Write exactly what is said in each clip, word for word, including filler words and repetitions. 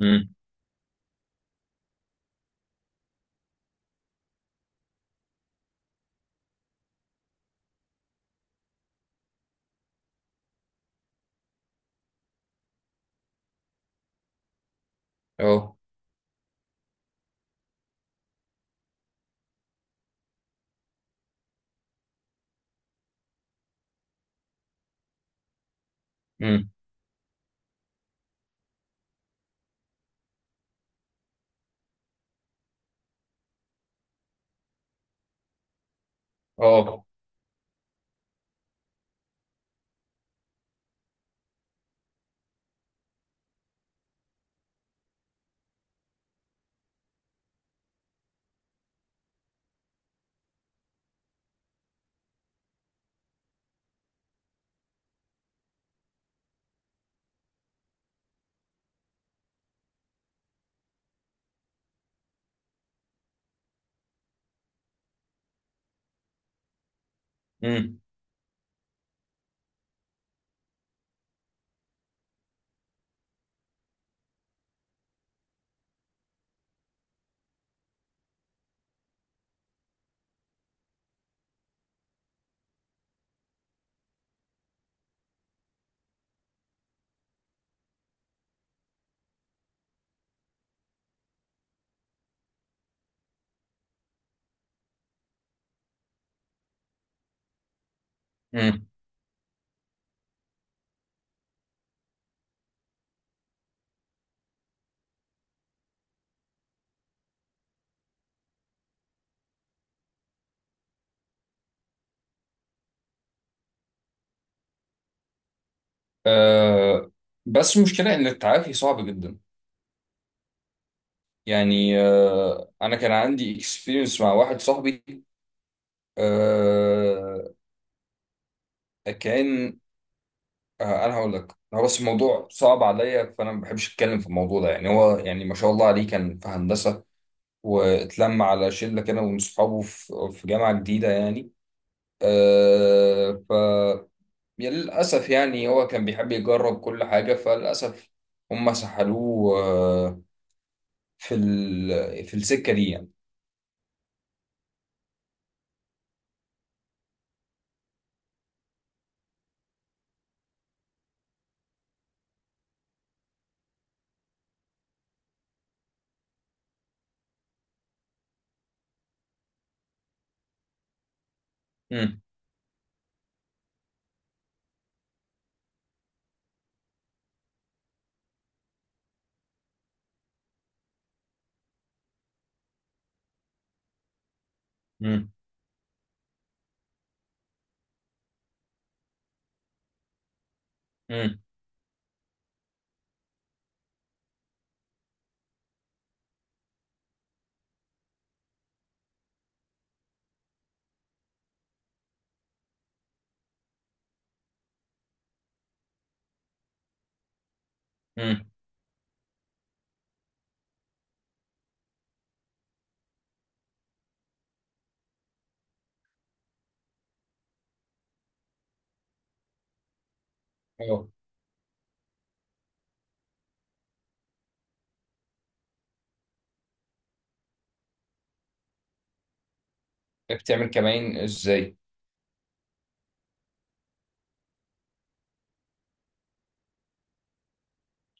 امم. اه. امم. اه. امم. امم. آه. بس المشكله ان التعافي صعب جدا. يعني آه انا كان عندي اكسبيرينس مع واحد صاحبي. آه. كان آه انا هقول لك، هو بس الموضوع صعب عليا، فانا ما بحبش اتكلم في الموضوع ده، يعني هو يعني ما شاء الله عليه كان في هندسه. واتلم على شله كده من صحابه في في جامعه جديده، يعني. آه ف يا للأسف، يعني هو كان بيحب يجرب كل حاجة، فللأسف هم سحلوه، آه، في ال... في السكة دي، يعني. مم. مم. مم. مم. اه. بتعمل كمائن ازاي؟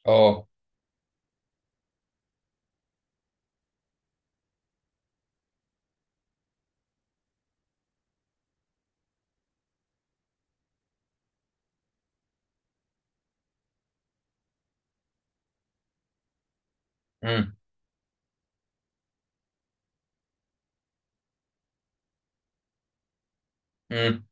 اه. مم. مم.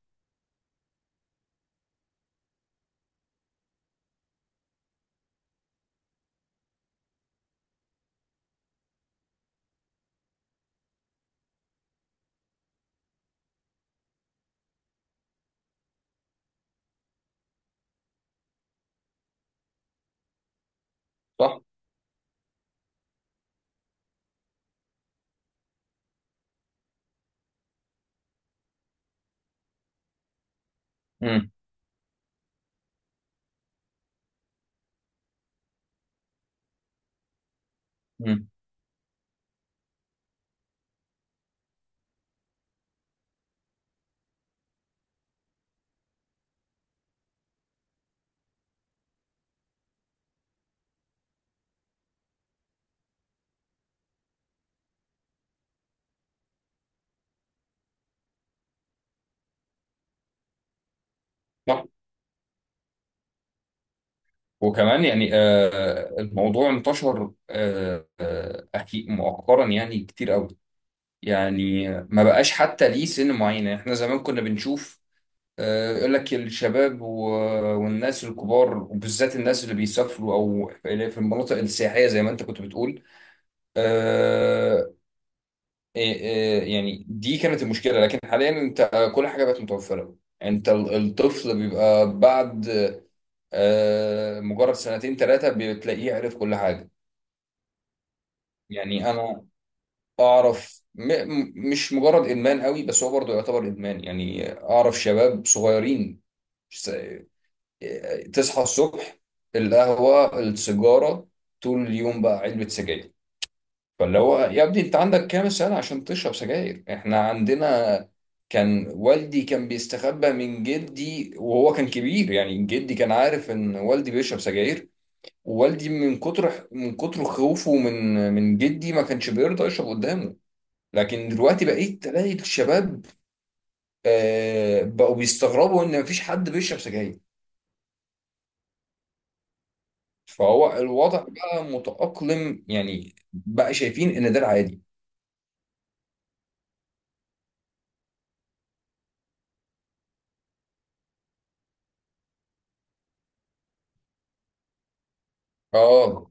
صح. مم. مم. صح. وكمان، يعني آه الموضوع انتشر، آه آه أكيد مؤخرا، يعني كتير قوي. يعني ما بقاش حتى ليه سن معين، يعني احنا زمان كنا بنشوف، آه، يقول لك الشباب و- والناس الكبار، وبالذات الناس اللي بيسافروا او اللي في المناطق السياحيه، زي ما انت كنت بتقول. آه. إيه- إيه، يعني دي كانت المشكله، لكن حاليا انت، كل حاجه بقت متوفره. انت ال- الطفل بيبقى بعد آه، مجرد سنتين ثلاثه، بتلاقيه عرف كل حاجه. يعني انا اعرف، م- م- مش مجرد ادمان قوي، بس هو برضه يعتبر ادمان. يعني اعرف شباب صغيرين، تصحى الصبح، القهوة السيجارة، طول اليوم بقى علبة سجاير. فاللي هو، يا ابني انت عندك كام سنة عشان تشرب سجاير؟ احنا عندنا كان والدي كان بيستخبى من جدي وهو كان كبير، يعني جدي كان عارف ان والدي بيشرب سجاير. ووالدي من كتر من كتر خوفه من من جدي، ما كانش بيرضى يشرب قدامه. لكن دلوقتي بقيت تلاقي الشباب، آه، بقوا بيستغربوا ان مفيش حد بيشرب سجاير. فهو الوضع بقى متأقلم، يعني بقى شايفين ان ده العادي. اه.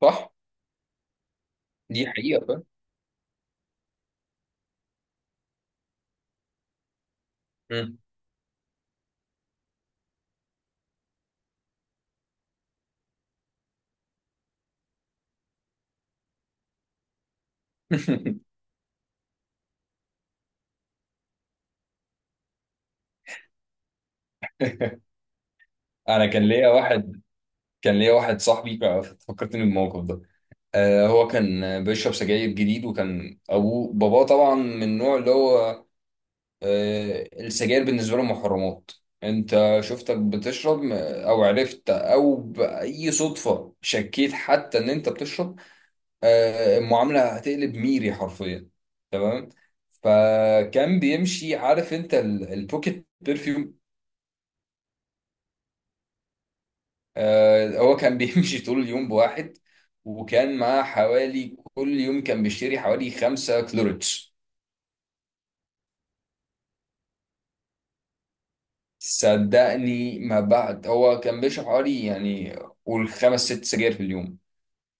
صح. دي حقيقة، فاهم. مم. انا كان ليا واحد. كان ليا واحد صاحبي فكرتني بالموقف ده. آه هو كان بيشرب سجاير جديد، وكان ابوه باباه طبعا من النوع اللي هو آه السجاير بالنسبة له محرمات. انت شفتك بتشرب او عرفت او بأي صدفة شكيت حتى ان انت بتشرب؟ آه، المعاملة هتقلب ميري حرفيا. تمام. فكان بيمشي، عارف انت ال- البوكيت برفيوم؟ آه، هو كان بيمشي طول اليوم بواحد. وكان معاه حوالي كل يوم كان بيشتري حوالي خمسة كلوريتش. صدقني، ما بعد هو كان بيشرب حوالي، يعني قول خمس ست سجاير في اليوم.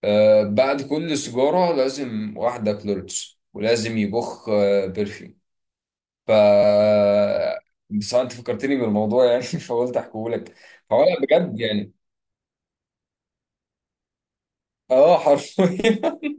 آه، بعد كل سيجارة لازم واحدة كلوريتش، ولازم يبخ آه، برفيوم. ف بس انت فكرتني بالموضوع، يعني فقلت احكيه لك. هو انا بجد، يعني. اه، حرفيا.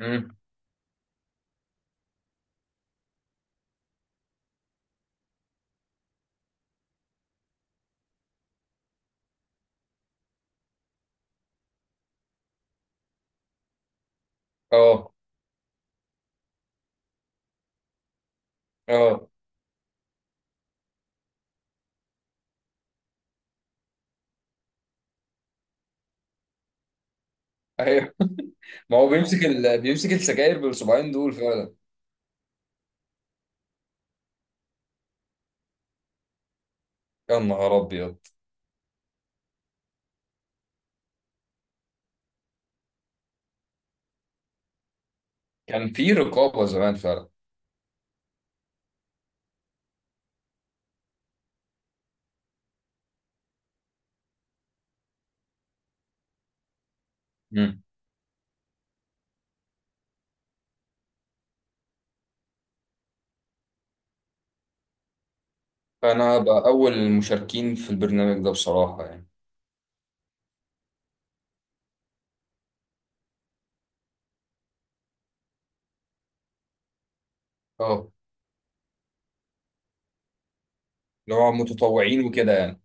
مم. اه. اه. ايوه، ما هو بيمسك ال... بيمسك السجاير بالصباعين دول فعلا. يا نهار ابيض. كان في رقابه زمان فعلا. مم. فانا هبقى اول المشاركين في البرنامج ده بصراحه، يعني. اه. اللي هو متطوعين وكده، يعني.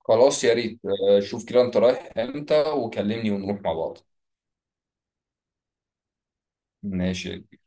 خلاص، يا ريت، آه، شوف كده انت رايح امتى وكلمني ونروح مع بعض. ماشي.